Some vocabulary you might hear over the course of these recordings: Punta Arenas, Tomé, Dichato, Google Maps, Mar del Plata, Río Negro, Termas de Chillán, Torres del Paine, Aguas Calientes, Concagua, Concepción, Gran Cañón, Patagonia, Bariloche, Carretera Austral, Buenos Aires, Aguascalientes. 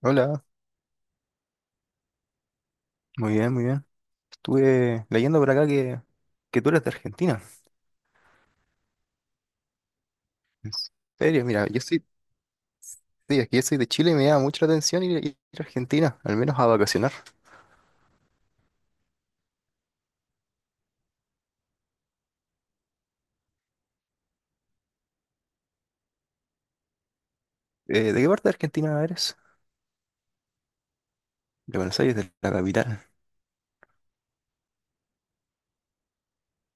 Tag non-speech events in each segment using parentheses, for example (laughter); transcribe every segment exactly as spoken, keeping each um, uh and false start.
Hola, muy bien, muy bien. Estuve leyendo por acá que, que tú eres de Argentina. ¿En serio? Mira, yo soy, sí, es que yo soy de Chile y me llama mucho la atención ir, ir a Argentina, al menos a vacacionar. Eh, ¿de qué parte de Argentina eres? De Buenos Aires, de la capital.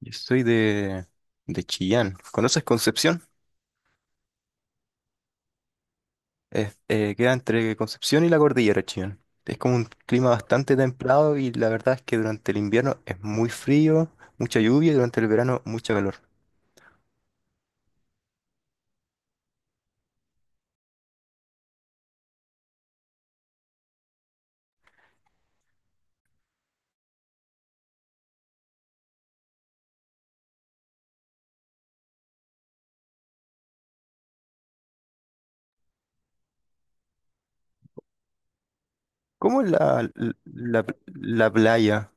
Yo soy de, de Chillán. ¿Conoces Concepción? Es- eh, queda entre Concepción y la cordillera de Chillán. Es como un clima bastante templado y la verdad es que durante el invierno es muy frío, mucha lluvia y durante el verano mucho calor. ¿Cómo es la, la, la playa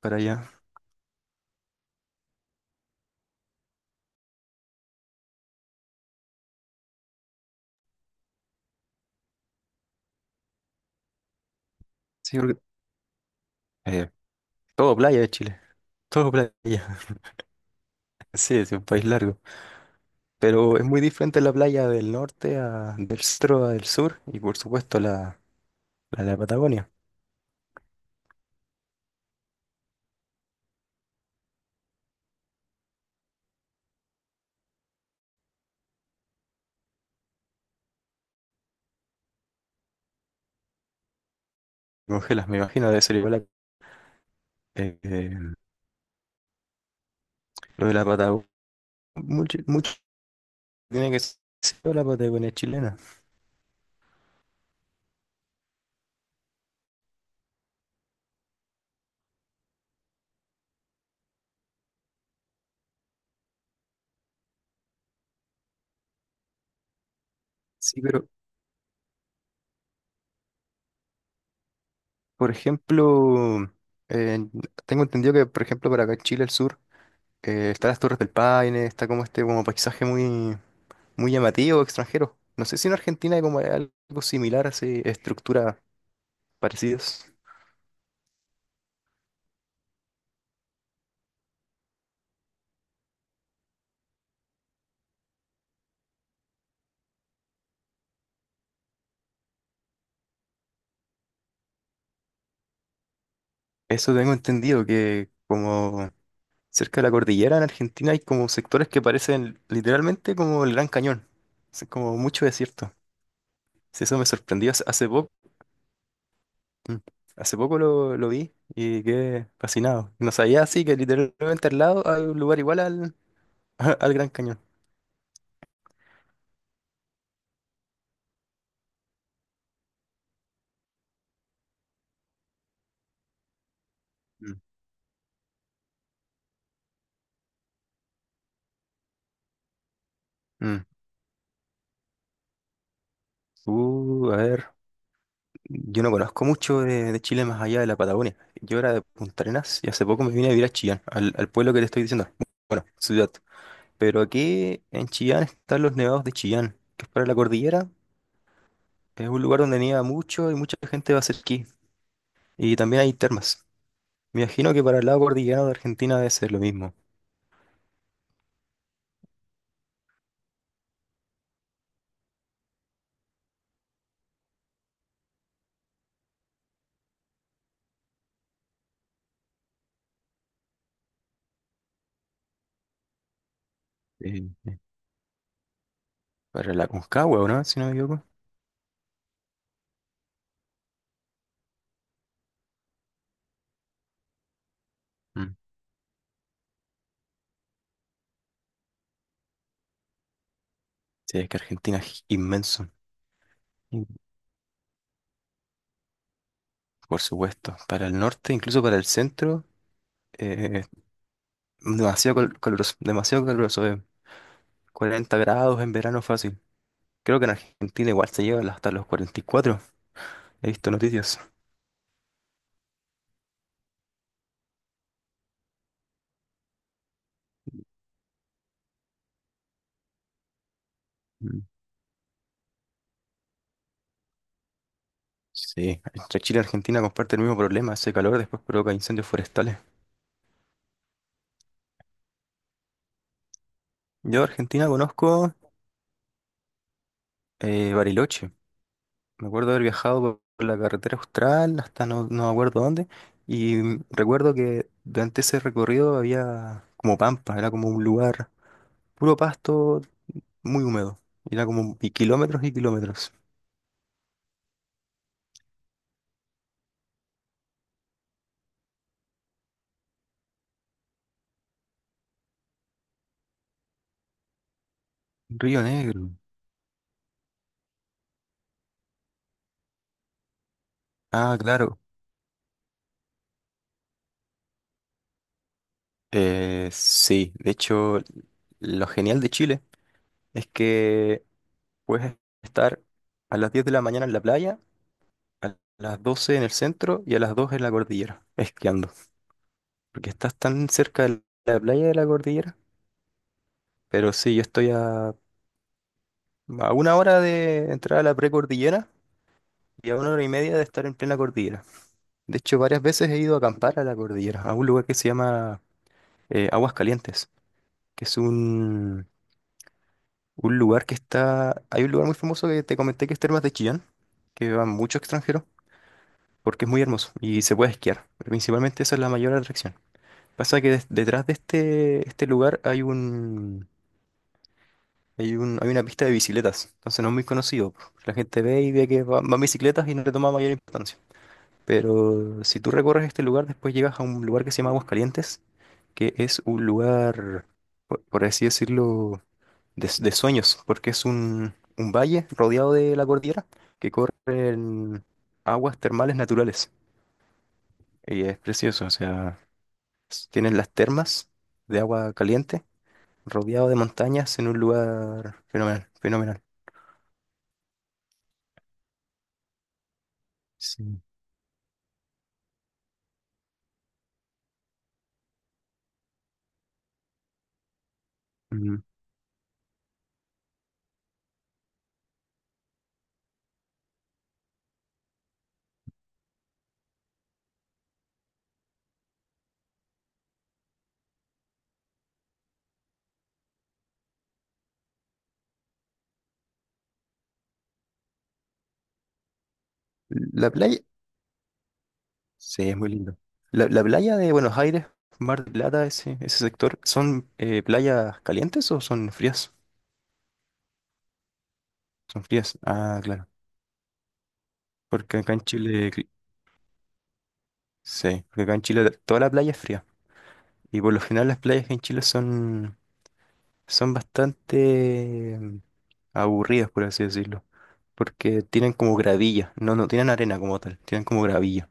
para allá? Sí, porque eh, todo playa de Chile, todo playa. (laughs) Sí, es un país largo. Pero es muy diferente la playa del norte a del centro a del sur y por supuesto la, la de la Patagonia. Congelas, me imagino, debe ser igual a- eh, eh, lo de la Patagonia. Mucho, mucho tiene que ser la Patagonia chilena. Sí, pero por ejemplo, eh, tengo entendido que por ejemplo para acá en Chile, el sur, eh, están las Torres del Paine, está como este como paisaje muy muy llamativo, extranjero. No sé si en Argentina hay como algo similar, así, estructuras parecidas. Eso tengo entendido, que como cerca de la cordillera en Argentina hay como sectores que parecen literalmente como el Gran Cañón. Es como mucho desierto. Sí, eso me sorprendió hace, hace poco. Mm. Hace poco lo, lo vi y quedé fascinado. No sabía así que literalmente al lado hay un lugar igual al, (laughs) al Gran Cañón. Mm. Mm. Uh, a ver. Yo no conozco mucho de, de Chile más allá de la Patagonia. Yo era de Punta Arenas y hace poco me vine a vivir a Chillán, al, al pueblo que te estoy diciendo. Bueno, ciudad. Pero aquí en Chillán están los nevados de Chillán, que es para la cordillera. Es un lugar donde nieva mucho y mucha gente va a hacer esquí. Y también hay termas. Me imagino que para el lado cordillerano de Argentina debe ser lo mismo. Eh, eh, para la Concagua, ¿o no? Si no me equivoco. Mm. Sí, es que Argentina es inmenso. Y, por supuesto, para el norte, incluso para el centro. eh, Demasiado col- caluroso, demasiado caluroso, eh. cuarenta grados en verano fácil. Creo que en Argentina igual se lleva hasta los cuarenta y cuatro. He visto noticias. Mm. Sí, entre Chile y Argentina comparten el mismo problema. Ese calor después provoca incendios forestales. Yo a Argentina conozco eh, Bariloche. Me acuerdo haber viajado por por la carretera austral hasta no, no me acuerdo dónde. Y mm, recuerdo que durante ese recorrido había como pampa, era como un lugar puro pasto, muy húmedo. Era como y kilómetros y kilómetros. Río Negro. Ah, claro. Eh, sí, de hecho, lo genial de Chile es que puedes estar a las diez de la mañana en la playa, a las doce en el centro y a las dos en la cordillera, esquiando. Porque estás tan cerca de la playa y de la cordillera. Pero sí, yo estoy a, a una hora de entrar a la precordillera y a una hora y media de estar en plena cordillera. De hecho, varias veces he ido a acampar a la cordillera, a un lugar que se llama eh, Aguas Calientes, que es un Un lugar que está. Hay un lugar muy famoso que te comenté que es Termas de Chillán, que van muchos extranjeros, porque es muy hermoso y se puede esquiar. Principalmente esa es la mayor atracción. Pasa que des- detrás de este, este lugar hay un, hay un, hay una pista de bicicletas, entonces no es muy conocido. La gente ve y ve que va- van bicicletas y no le toma mayor importancia. Pero si tú recorres este lugar, después llegas a un lugar que se llama Aguascalientes, que es un lugar, por por así decirlo, de, de sueños, porque es un, un valle rodeado de la cordillera que corren aguas termales naturales. Y es precioso, o sea, s- tienen las termas de agua caliente, rodeado de montañas en un lugar fenomenal, fenomenal. Sí. Mm. La playa, sí, es muy lindo. La, la playa de Buenos Aires, Mar del Plata, ese, ese sector, ¿son eh, playas calientes o son frías? Son frías. Ah, claro. Porque acá en Chile, cl- sí, porque acá en Chile toda la playa es fría. Y por lo general las playas en Chile son, son bastante mm, aburridas, por así decirlo, porque tienen como gravilla, no, no tienen arena como tal, tienen como gravilla.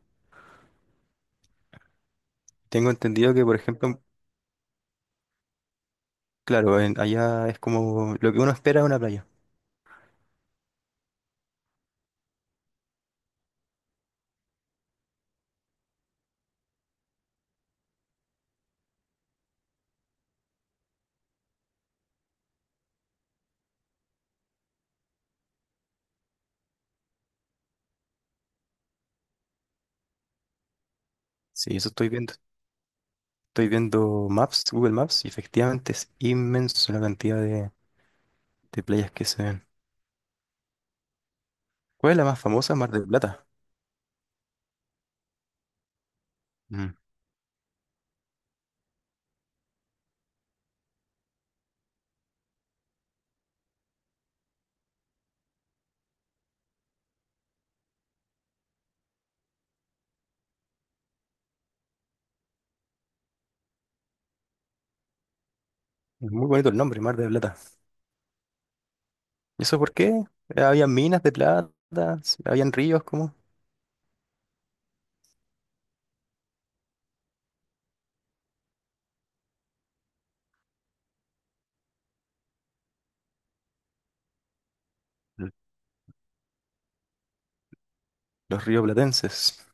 Tengo entendido que, por ejemplo, claro, en- allá es como lo que uno espera de una playa. Sí, eso estoy viendo. Estoy viendo Maps, Google Maps, y efectivamente es inmenso la cantidad de, de playas que se ven. ¿Cuál es la más famosa? Mar del Plata. Mm. Es muy bonito el nombre, Mar del Plata. ¿Y eso por qué? Eh, Había minas de plata, s- habían ríos, cómo. Los rioplatenses.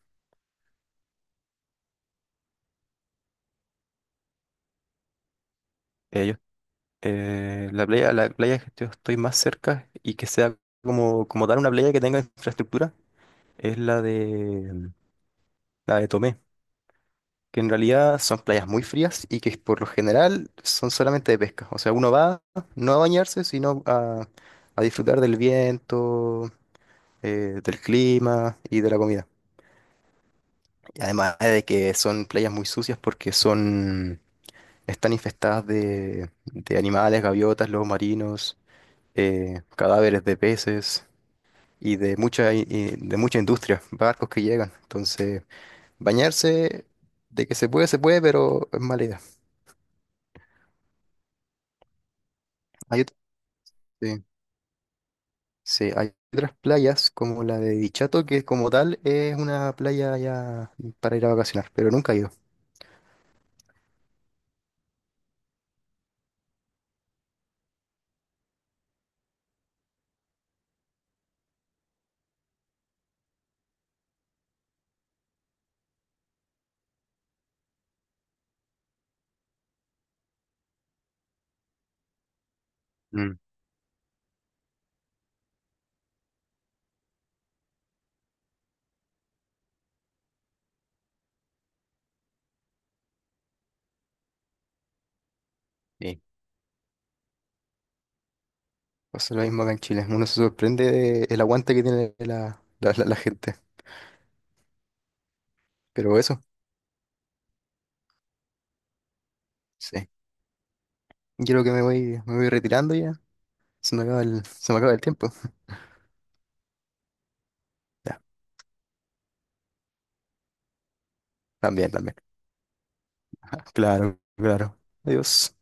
eh, yo- eh, la playa, la playa que yo estoy más cerca y que sea como, como tal una playa que tenga infraestructura es la de la de Tomé, que en realidad son playas muy frías y que por lo general son solamente de pesca. O sea, uno va no a bañarse, sino a, a disfrutar del viento, eh, del clima y de la comida. Y además de que son playas muy sucias porque son están infestadas de, de animales, gaviotas, lobos marinos, eh, cadáveres de peces y de mucha, i- i- de mucha industria, barcos que llegan. Entonces, bañarse de que se puede, se puede, pero es mala idea. Hay ot- sí, sí, hay otras playas como la de Dichato, que como tal es una playa ya para ir a vacacionar, pero nunca he ido. Mm, sí. Pasa lo mismo acá en Chile. Uno se sorprende de el aguante que tiene la, la, la- la gente. Pero eso, sí. Yo creo que me voy, me voy retirando ya. Se me acaba el, se me acaba el tiempo. Ya, también, también. (laughs) Claro, claro. Adiós.